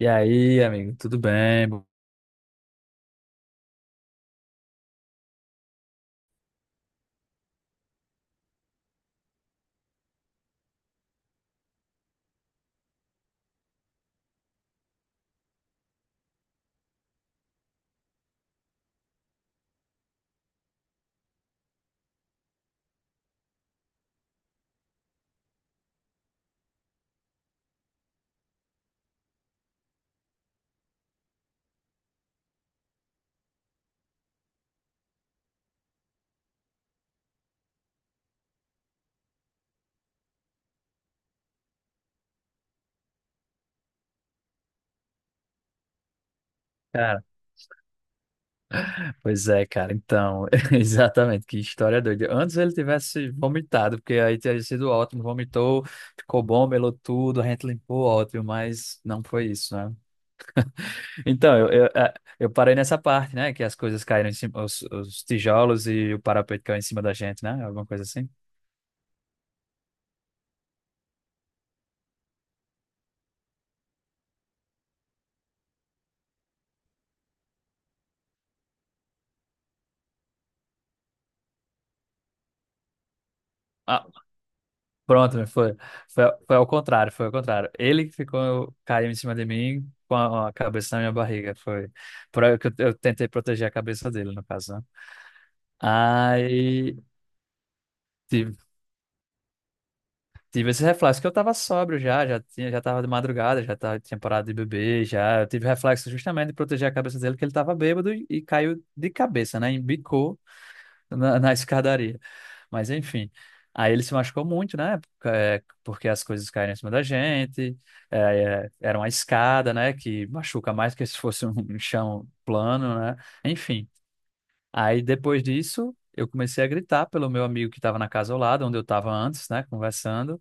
E aí, amigo, tudo bem? Cara, pois é, cara, então, exatamente, que história doida. Antes ele tivesse vomitado, porque aí teria sido ótimo, vomitou, ficou bom, melou tudo, a gente limpou, ótimo, mas não foi isso, né? Então, eu eu parei nessa parte, né, que as coisas caíram em cima, os tijolos e o parapeito caiu em cima da gente, né? Alguma coisa assim. Ah, pronto, né? Foi ao contrário, foi ao contrário. Ele que ficou, caiu em cima de mim com a cabeça na minha barriga, foi. Por aí que eu tentei proteger a cabeça dele, no caso, né? Aí tive, tive esse reflexo, que eu tava sóbrio já, já tinha, já tava de madrugada, já tava, tinha parado de beber, já. Eu tive reflexo justamente de proteger a cabeça dele, que ele tava bêbado e caiu de cabeça, né? Embicou na escadaria. Mas enfim. Aí ele se machucou muito, né? Porque as coisas caíram em cima da gente. Era uma escada, né? Que machuca mais que se fosse um chão plano, né? Enfim. Aí depois disso, eu comecei a gritar pelo meu amigo que estava na casa ao lado, onde eu estava antes, né? Conversando.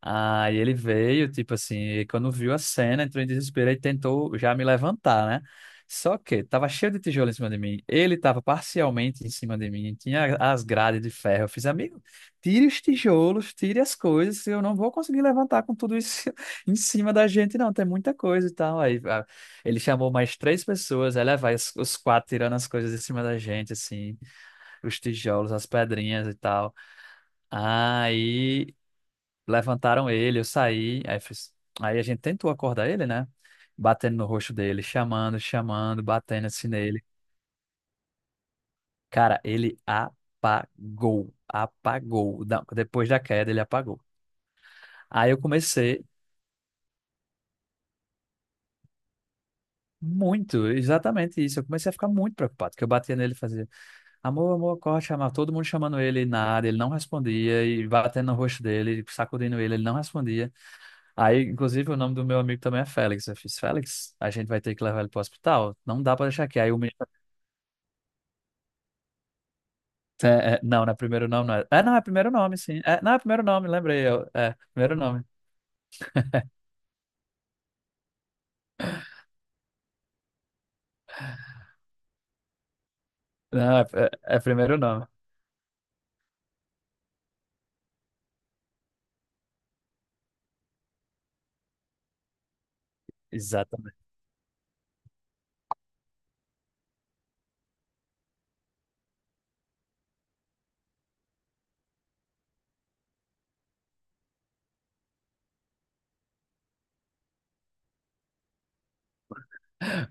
Aí ele veio, tipo assim, e quando viu a cena, entrou em desespero e tentou já me levantar, né? Só que tava cheio de tijolo em cima de mim, ele tava parcialmente em cima de mim, tinha as grades de ferro. Eu fiz: amigo, tire os tijolos, tire as coisas, eu não vou conseguir levantar com tudo isso em cima da gente, não, tem muita coisa e tal. Ele chamou mais três pessoas, aí lá vai os quatro tirando as coisas de cima da gente, assim, os tijolos, as pedrinhas e tal. Aí levantaram ele, eu saí. Aí a gente tentou acordar ele, né? Batendo no rosto dele, chamando, chamando, batendo assim nele. Cara, ele apagou, apagou. Depois da queda, ele apagou. Aí eu comecei Muito, exatamente isso. Eu comecei a ficar muito preocupado, que eu batia nele e fazia, amor, amor, corre, chamava todo mundo chamando ele, e nada, ele não respondia, e batendo no rosto dele, sacudindo ele, ele não respondia. Aí, inclusive, o nome do meu amigo também é Félix. Eu fiz: Félix, a gente vai ter que levar ele pro hospital. Não dá pra deixar aqui. Aí o menino. É, é, não, não é primeiro nome, não é. É, não, é primeiro nome, sim. É, não, é primeiro nome, lembrei eu. É, primeiro nome. Não, é, é primeiro nome. Exatamente.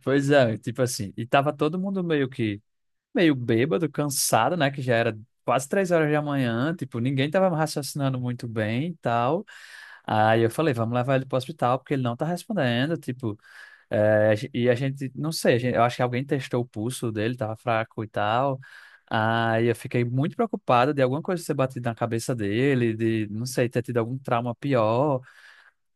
Pois é, tipo assim. E tava todo mundo meio que, meio bêbado, cansado, né? Que já era quase 3 horas da manhã. Tipo, ninguém tava raciocinando muito bem e tal. Aí eu falei: vamos levar ele pro hospital, porque ele não tá respondendo. Tipo. É, e a gente, não sei, eu acho que alguém testou o pulso dele, tava fraco e tal. Aí eu fiquei muito preocupada de alguma coisa ter batido na cabeça dele, de, não sei, ter tido algum trauma pior.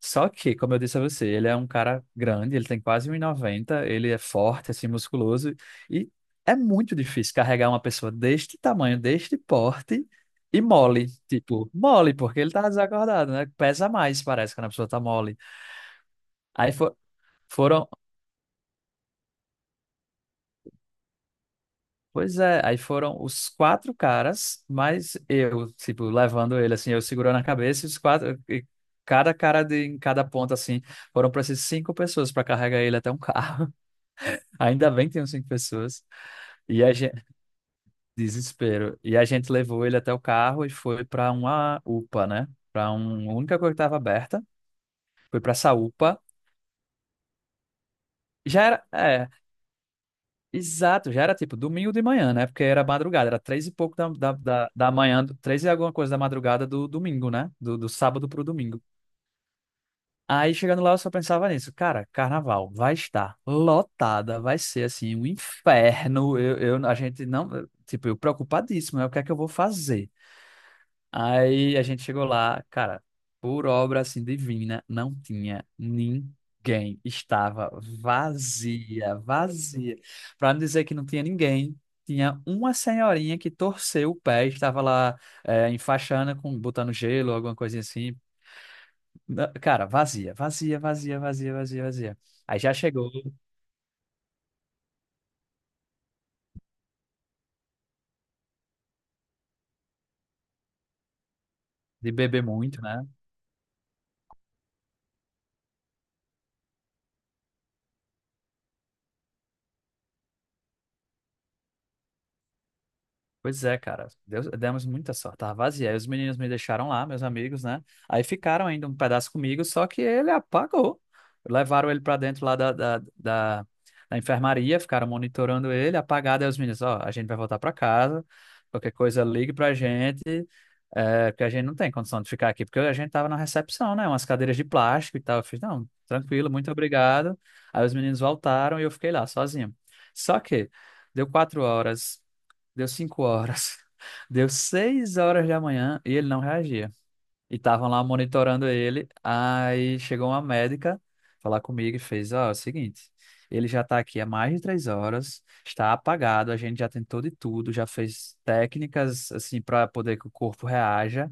Só que, como eu disse a você, ele é um cara grande, ele tem quase um 1,90, ele é forte, assim, musculoso. E é muito difícil carregar uma pessoa deste tamanho, deste porte e mole. Tipo, mole, porque ele tá desacordado, né? Pesa mais, parece, quando a pessoa tá mole. Aí foi. Foram Pois é, aí foram os quatro caras, mas eu, tipo, levando ele, assim, eu segurando a cabeça, e os quatro, e cada cara em cada ponta, assim, foram para essas cinco pessoas para carregar ele até um carro. Ainda bem que tinham cinco pessoas. E a gente, Desespero. E a gente levou ele até o carro e foi para uma UPA, né? Para uma única coisa que estava aberta, foi para essa UPA. Já era, é, Exato, já era tipo domingo de manhã, né? Porque era madrugada, era três e pouco da manhã, três e alguma coisa da madrugada do domingo, né? Do sábado pro domingo. Aí chegando lá eu só pensava nisso, cara, carnaval vai estar lotada, vai ser assim um inferno. A gente não, tipo, eu preocupadíssimo, né? O que é que eu vou fazer? Aí a gente chegou lá, cara, por obra assim divina, não tinha ninguém. Estava vazia, vazia. Para não dizer que não tinha ninguém, tinha uma senhorinha que torceu o pé, estava lá enfaixando, com, botando gelo, alguma coisinha assim. Cara, vazia, vazia, vazia, vazia, vazia, vazia. Aí já chegou de beber muito, né? Pois é, cara. Demos muita sorte. Tava vazia. Aí os meninos me deixaram lá, meus amigos, né? Aí ficaram ainda um pedaço comigo, só que ele apagou. Levaram ele pra dentro lá da enfermaria, ficaram monitorando ele, apagado. Aí os meninos: ó, a gente vai voltar pra casa. Qualquer coisa, ligue pra gente. É, porque a gente não tem condição de ficar aqui, porque a gente tava na recepção, né? Umas cadeiras de plástico e tal. Eu fiz: não, tranquilo, muito obrigado. Aí os meninos voltaram e eu fiquei lá sozinho. Só que deu 4 horas. Deu 5 horas. Deu 6 horas da manhã e ele não reagia. E estavam lá monitorando ele. Aí chegou uma médica falar comigo e fez: ó, é o seguinte, ele já está aqui há mais de 3 horas, está apagado, a gente já tentou de tudo, já fez técnicas assim para poder que o corpo reaja,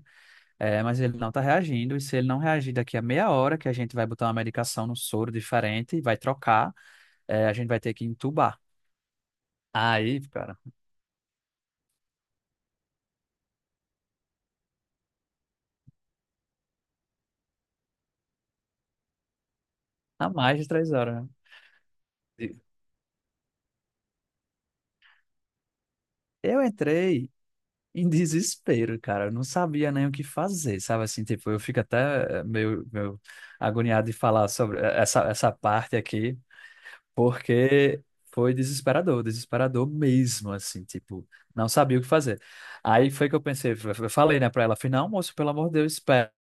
mas ele não está reagindo. E se ele não reagir daqui a meia hora, que a gente vai botar uma medicação no soro diferente e vai trocar, a gente vai ter que entubar. Aí, cara, há mais de 3 horas, né? Eu entrei em desespero, cara. Eu não sabia nem o que fazer, sabe? Assim, tipo, eu fico até meio, meio agoniado de falar sobre essa, essa parte aqui, porque foi desesperador, desesperador mesmo, assim, tipo, não sabia o que fazer. Aí foi que eu pensei, eu falei, né, pra ela, falei: não, moço, pelo amor de Deus, espera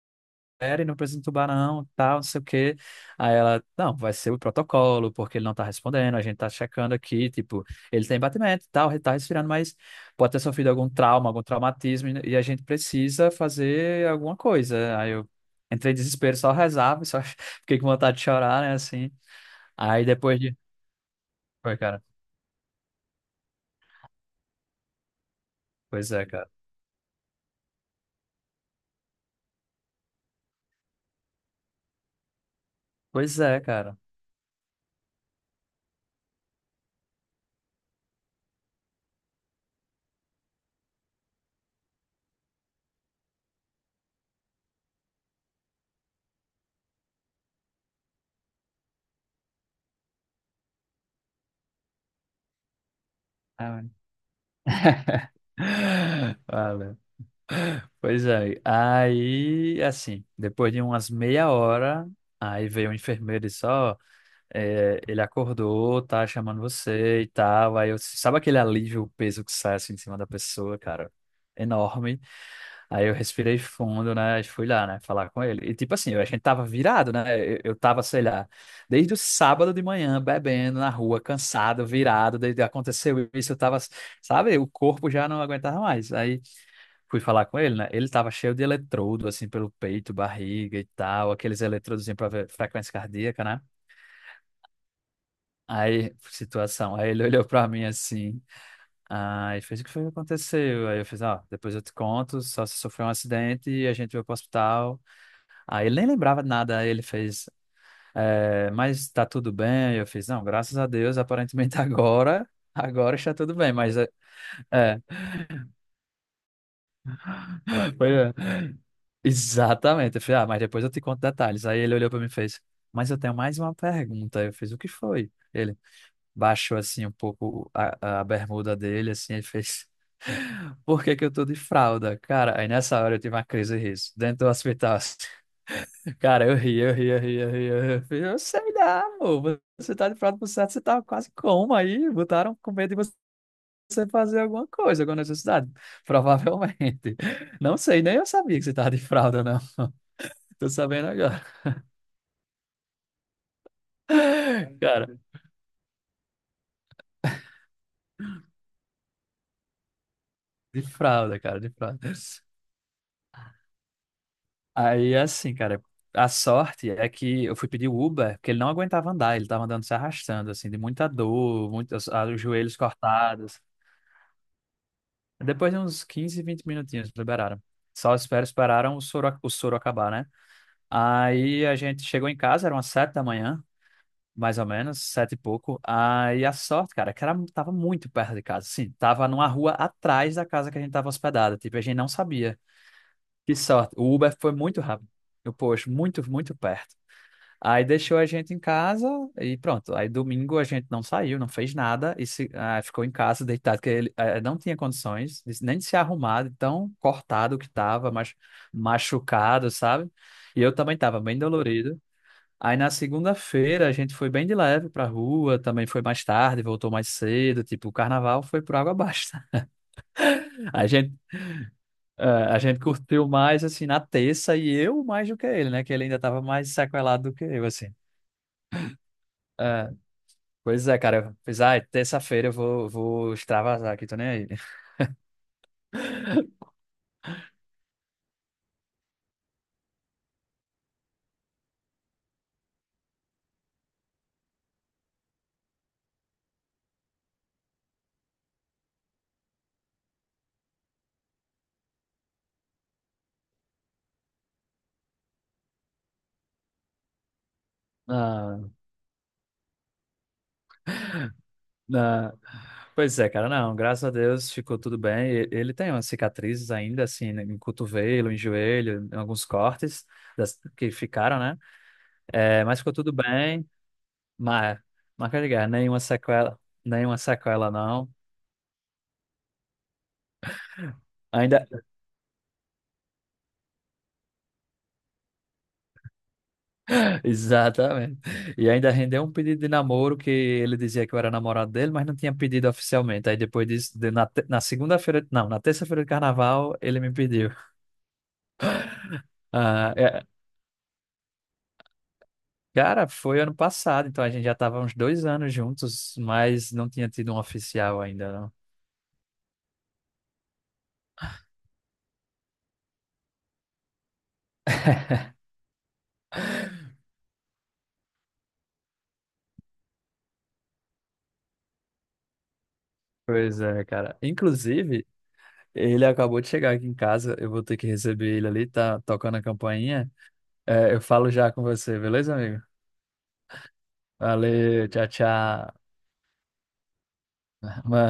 série, não precisa entubar não, tal, não sei o quê. Aí ela: não, vai ser o protocolo, porque ele não tá respondendo, a gente tá checando aqui, tipo, ele tem batimento, e tal, ele tá respirando, mas pode ter sofrido algum trauma, algum traumatismo, e a gente precisa fazer alguma coisa. Aí eu entrei em desespero, só rezava, só fiquei com vontade de chorar, né, assim. Aí depois de... Foi, cara. Pois é, cara. Pois é, cara. Ah, valeu. Pois é. Aí, assim, depois de umas meia hora, aí veio o enfermeiro e disse: ó, ele acordou, tá chamando você e tal. Aí eu, sabe aquele alívio, o peso que sai assim de cima da pessoa, cara? Enorme. Aí eu respirei fundo, né? E fui lá, né? Falar com ele. E tipo assim, a gente tava virado, né? Eu tava, sei lá, desde o sábado de manhã, bebendo na rua, cansado, virado. Desde aconteceu isso, eu tava, sabe? O corpo já não aguentava mais. Aí fui falar com ele, né? Ele tava cheio de eletrodo, assim, pelo peito, barriga e tal, aqueles eletrodos pra ver frequência cardíaca, né? Aí, situação. Aí ele olhou pra mim assim, aí fez: o que foi que aconteceu? Aí eu fiz: ó, depois eu te conto, só se sofreu um acidente e a gente veio pro hospital. Aí ele nem lembrava de nada, aí ele fez: mas tá tudo bem? Aí eu fiz: não, graças a Deus, aparentemente agora, agora está tudo bem, mas é, foi, é. Exatamente. Eu falei: ah, mas depois eu te conto detalhes. Aí ele olhou para mim e fez: mas eu tenho mais uma pergunta. Aí eu fiz: o que foi? Ele baixou assim um pouco a bermuda dele, assim, ele fez: por que que eu tô de fralda? Cara, aí nessa hora eu tive uma crise de riso, dentro do hospital assim. Cara, eu ri, eu ri, eu ri, eu ri. Eu ri. Eu falei: eu sei lá, amor, você tá de fralda por certo, você tá quase como aí, botaram com medo de você fazer alguma coisa, alguma necessidade, provavelmente. Não sei, nem eu sabia que você tava de fralda, não. Tô sabendo agora. Cara, de fralda, cara, de fralda. Aí, assim, cara, a sorte é que eu fui pedir o Uber, porque ele não aguentava andar, ele tava andando se arrastando, assim, de muita dor, muito, os, ah, os joelhos cortados. Depois de uns 15, 20 minutinhos, liberaram. Só espero, esperaram o soro acabar, né? Aí a gente chegou em casa, eram umas 7 da manhã, mais ou menos, 7 e pouco. Aí a sorte, cara, é que era, tava muito perto de casa, assim, tava numa rua atrás da casa que a gente tava hospedada, tipo, a gente não sabia. Que sorte. O Uber foi muito rápido. Eu, poxa, muito, muito perto. Aí deixou a gente em casa e pronto. Aí domingo a gente não saiu, não fez nada e se, ah, ficou em casa deitado, porque ele não tinha condições nem de se arrumar, de tão cortado que estava, mas machucado, sabe? E eu também estava bem dolorido. Aí na segunda-feira a gente foi bem de leve pra rua, também foi mais tarde, voltou mais cedo, tipo, o carnaval foi por água abaixo. A gente a gente curtiu mais, assim, na terça e eu mais do que ele, né? Que ele ainda tava mais sequelado do que eu, assim. É, pois é, cara. Eu fiz: ai, terça-feira eu vou, vou extravasar aqui, tô nem aí. Não, não. Pois é, cara, não. Graças a Deus ficou tudo bem. Ele tem umas cicatrizes ainda, assim, né, em cotovelo, em joelho, em alguns cortes que ficaram, né? É, mas ficou tudo bem. Mas, marca de guerra, nenhuma sequela, não. Ainda, exatamente. E ainda rendeu um pedido de namoro que ele dizia que eu era namorado dele, mas não tinha pedido oficialmente. Aí depois disso, na segunda-feira, não, na terça-feira de carnaval, ele me pediu. Ah, é, cara, foi ano passado, então a gente já estava uns 2 anos juntos, mas não tinha tido um oficial ainda, não. Pois é, cara. Inclusive, ele acabou de chegar aqui em casa, eu vou ter que receber ele ali, tá tocando a campainha. É, eu falo já com você, beleza, amigo? Valeu, tchau, tchau.